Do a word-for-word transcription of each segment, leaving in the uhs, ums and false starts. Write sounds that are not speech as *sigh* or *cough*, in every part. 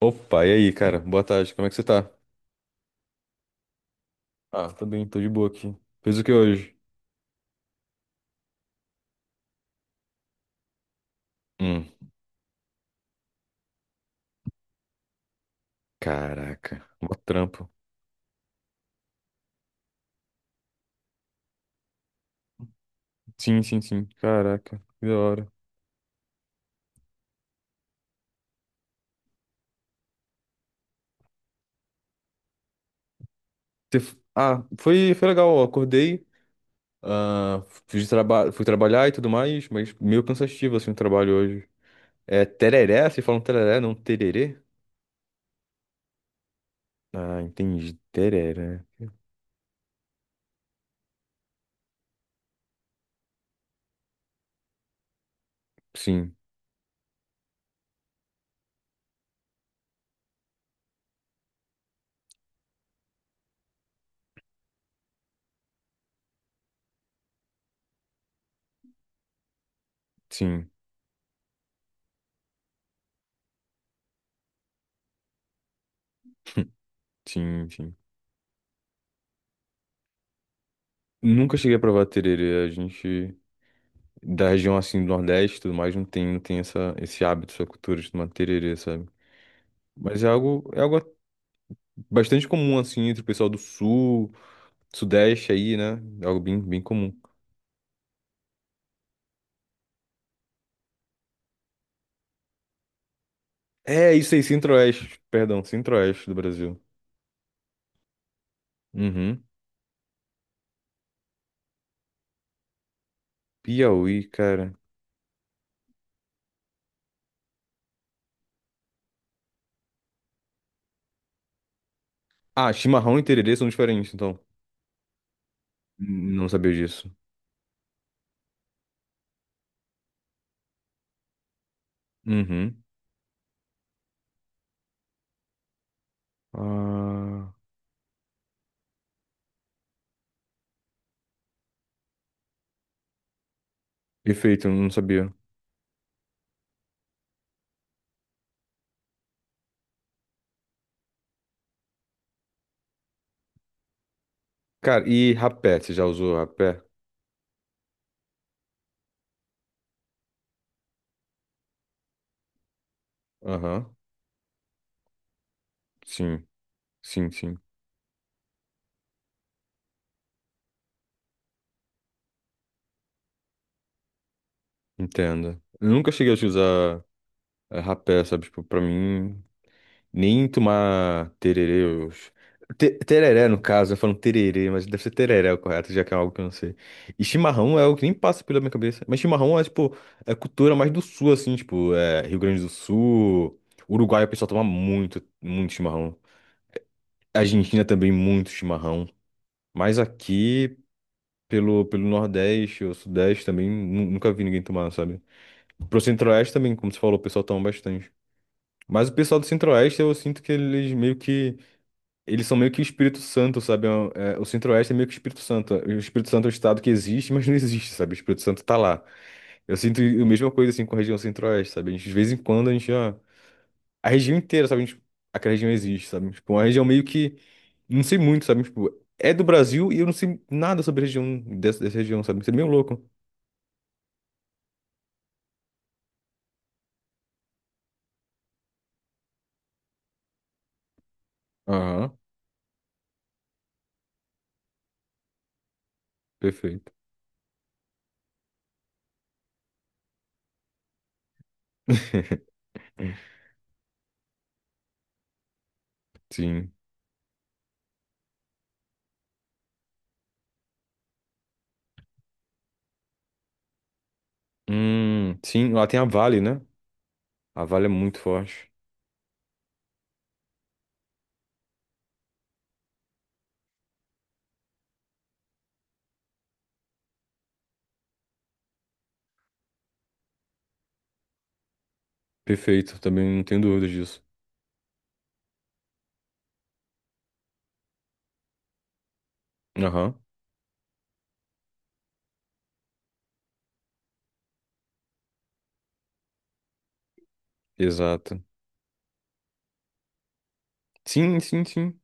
Opa, e aí, cara? Boa tarde, como é que você tá? Ah, tô bem, tô de boa aqui. Fez o que hoje? Hum, caraca, mó trampo. Sim, sim, sim, caraca, que da hora. Você f- Ah, foi, foi legal, eu acordei, ah, fui, traba... fui trabalhar e tudo mais, mas meio cansativo, assim, o trabalho hoje. É tereré? Vocês falam tereré, não tererê? Ah, entendi, tereré. Sim, sim, sim, sim. Nunca cheguei a provar tererê, a gente... da região assim do Nordeste e tudo mais não tem, não tem essa, esse hábito, essa cultura de tomar tererê, sabe? Mas é algo, é algo bastante comum assim entre o pessoal do Sul, Sudeste aí, né? É algo bem, bem comum. É isso aí, Centro-Oeste, perdão, Centro-Oeste do Brasil. Uhum. Piauí, cara. Ah, chimarrão e tererê são diferentes, então. N- Não sabia disso. Uhum. Ah, perfeito, eu não sabia. Cara, e rapé, você já usou rapé? Aham. Sim, sim, sim. Entendo. Eu nunca cheguei a usar eh, rapé, sabe? Tipo, pra mim, nem tomar tererê. eu- Te- Tereré, no caso, eu falo tererê, mas deve ser tereré o correto, já que é algo que eu não sei. E chimarrão é o que nem passa pela minha cabeça. Mas chimarrão é, tipo, é cultura mais do sul, assim, tipo, é Rio Grande do Sul, Uruguai, o pessoal toma muito, muito chimarrão. Argentina também, muito chimarrão. Mas aqui, pelo, pelo Nordeste ou Sudeste também, nu- nunca vi ninguém tomar, sabe? Pro Centro-Oeste também, como você falou, o pessoal toma bastante. Mas o pessoal do Centro-Oeste, eu sinto que eles meio que. Eles são meio que o Espírito Santo, sabe? É um- é, o Centro-Oeste é meio que o Espírito Santo. O Espírito Santo é um estado que existe, mas não existe, sabe? O Espírito Santo tá lá. Eu sinto a mesma coisa assim com a região Centro-Oeste, sabe? A gente, de vez em quando a gente já. A região inteira, sabe? A gente... Aquela região existe, sabe? Tipo, uma região meio que. Não sei muito, sabe? Tipo, é do Brasil e eu não sei nada sobre a região dessa, dessa região, sabe? Isso é meio louco. Aham, perfeito. *laughs* Sim. Hum, sim, lá tem a Vale, né? A Vale é muito forte. Perfeito, também não tenho dúvidas disso. Aham, exato. Sim, sim, sim.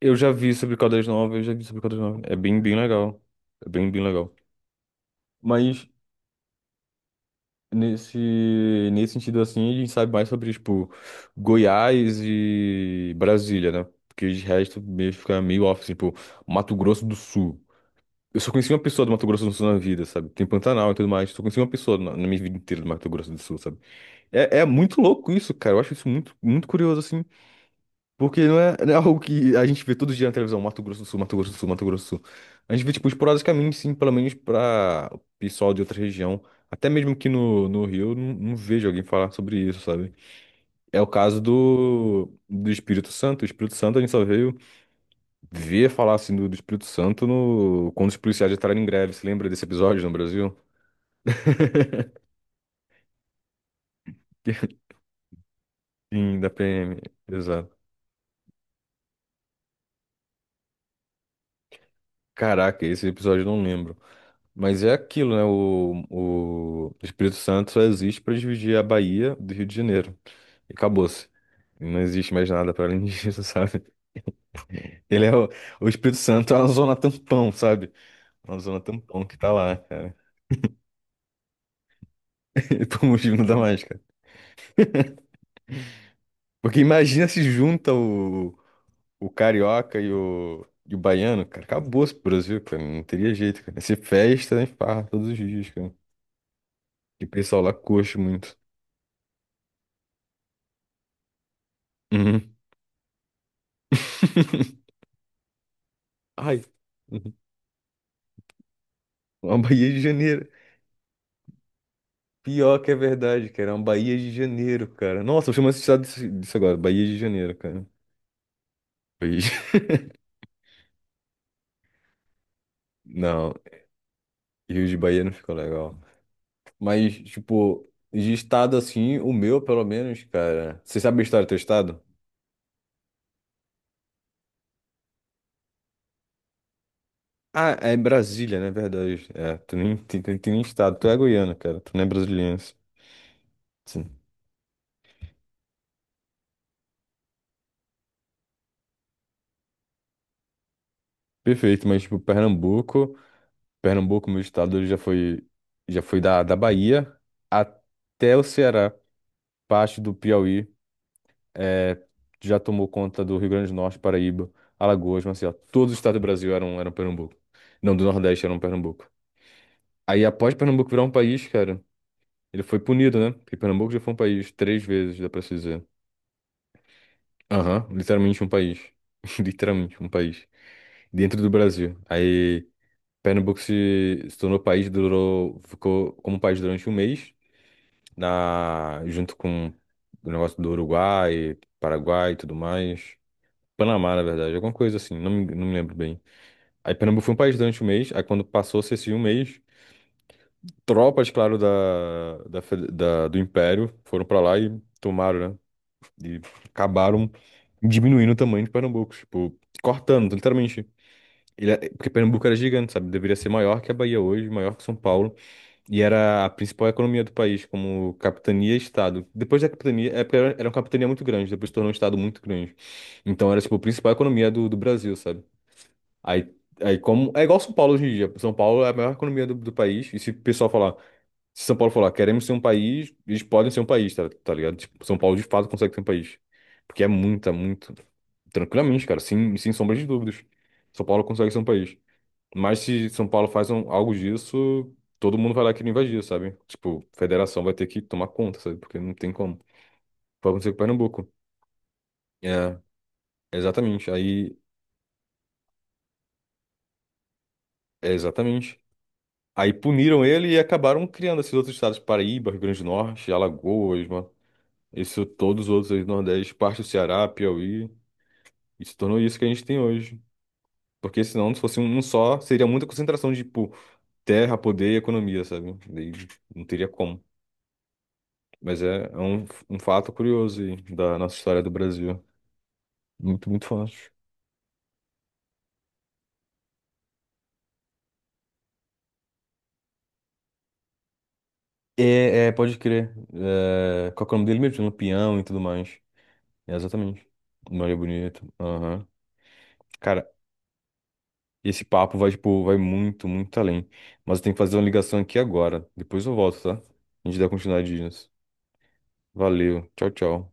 Eu já vi sobre Caldas Novas, eu já vi sobre Caldas Novas. É bem, bem legal. É bem, bem legal. Mas nesse, nesse sentido assim, a gente sabe mais sobre, tipo, Goiás e Brasília, né? Porque de resto mesmo fica meio off, assim, tipo, Mato Grosso do Sul. Eu só conheci uma pessoa do Mato Grosso do Sul na vida, sabe? Tem Pantanal e tudo mais. Só conheci uma pessoa na, na minha vida inteira do Mato Grosso do Sul, sabe? É, é muito louco isso, cara. Eu acho isso muito, muito curioso, assim. Porque não é, não é *laughs* algo que a gente vê todo dia na televisão, Mato Grosso do Sul, Mato Grosso do Sul, Mato Grosso do Sul. A gente vê, tipo, esporadicamente, sim, pelo menos pra o pessoal de outra região. Até mesmo aqui no, no Rio, eu não, não vejo alguém falar sobre isso, sabe? É o caso do, do Espírito Santo. O Espírito Santo a gente só veio ver falar, assim, do, do Espírito Santo no, quando os policiais entraram em greve. Você lembra desse episódio no Brasil? *laughs* Sim, da P M, exato. Caraca, esse episódio eu não lembro. Mas é aquilo, né? O, o Espírito Santo só existe para dividir a Bahia do Rio de Janeiro. E acabou-se. Não existe mais nada para além disso, *laughs* sabe? Ele é o, o Espírito Santo é uma zona tampão, sabe? Uma zona tampão que tá lá, cara. *laughs* E por motivo não dá mais, cara. Porque imagina se junta o, o carioca e o, e o baiano, cara. Acabou-se o Brasil, cara. Não teria jeito, cara. Ia ser festa, né? Farra todos os dias, cara. E o pessoal lá coxa muito. Uhum. *laughs* Ai. Uma Bahia de Janeiro. Pior que é verdade, cara. É uma Bahia de Janeiro, cara. Nossa, eu chamo esse estado disso disso agora. Bahia de Janeiro, cara. Bahia de- *laughs* Não, Rio de Bahia não ficou legal. Mas, tipo, de estado assim, o meu, pelo menos, cara. Você sabe a história do teu estado? Ah, é Brasília, né? Verdade. É, tu nem tem, tem, tem nem estado. Tu é goiano, cara. Tu não é brasiliense. Sim. Perfeito, mas, tipo, Pernambuco. Pernambuco, meu estado, ele já foi, já foi da, da Bahia até o Ceará, parte do Piauí. eh, já tomou conta do Rio Grande do Norte, Paraíba, Alagoas, Maceió. Todos os estados do Brasil eram, eram Pernambuco. Não, do Nordeste eram Pernambuco. Aí, após Pernambuco virar um país, cara, ele foi punido, né? Porque Pernambuco já foi um país três vezes, dá pra se dizer. Aham, literalmente um país. *laughs* Literalmente um país. Dentro do Brasil. Aí, Pernambuco se, se tornou país, durou, ficou como país durante um mês, na, junto com o negócio do Uruguai, Paraguai e tudo mais. Panamá, na verdade, alguma coisa assim, não me, não me lembro bem. Aí Pernambuco foi um país durante um mês, aí quando passou esse um mês, tropas, claro, da, da, fe- da- do Império foram pra lá e tomaram, né? E acabaram diminuindo o tamanho de Pernambuco, tipo, cortando, literalmente. Ele é- porque Pernambuco era gigante, sabe? Deveria ser maior que a Bahia hoje, maior que São Paulo, e era a principal economia do país, como capitania e estado. Depois da capitania, é porque era, era uma capitania muito grande, depois se tornou um estado muito grande. Então era, tipo, a principal economia do, do Brasil, sabe? Aí, aí como. É igual São Paulo hoje em dia. São Paulo é a maior economia do, do país. E se o pessoal falar, se São Paulo falar, queremos ser um país, eles podem ser um país, tá, tá ligado? Tipo, São Paulo de fato consegue ser um país. Porque é muita, muito. Tranquilamente, cara, sem, sem sombra de dúvidas. São Paulo consegue ser um país. Mas se São Paulo faz um- algo disso, todo mundo vai lá querer invadir, sabe? Tipo, federação vai ter que tomar conta, sabe? Porque não tem como. Foi acontecer com o Pernambuco. É, exatamente. Aí, é exatamente. Aí puniram ele e acabaram criando esses outros estados, Paraíba, Rio Grande do Norte, Alagoas, mano. Isso, todos os outros aí do Nordeste, parte do Ceará, Piauí, e se tornou isso que a gente tem hoje. Porque senão, se fosse um só, seria muita concentração de, tipo, terra, poder e economia, sabe? Daí não teria como. Mas é, é um, um fato curioso aí da nossa história do Brasil. Muito, muito forte. É, é, pode crer. É, qual que é o nome dele mesmo? Lampião e tudo mais. É, exatamente. Maria Bonita. Aham. Cara, e esse papo vai, tipo, vai muito, muito além. Mas eu tenho que fazer uma ligação aqui agora. Depois eu volto, tá? A gente dá continuidade nisso. Valeu. Tchau, tchau.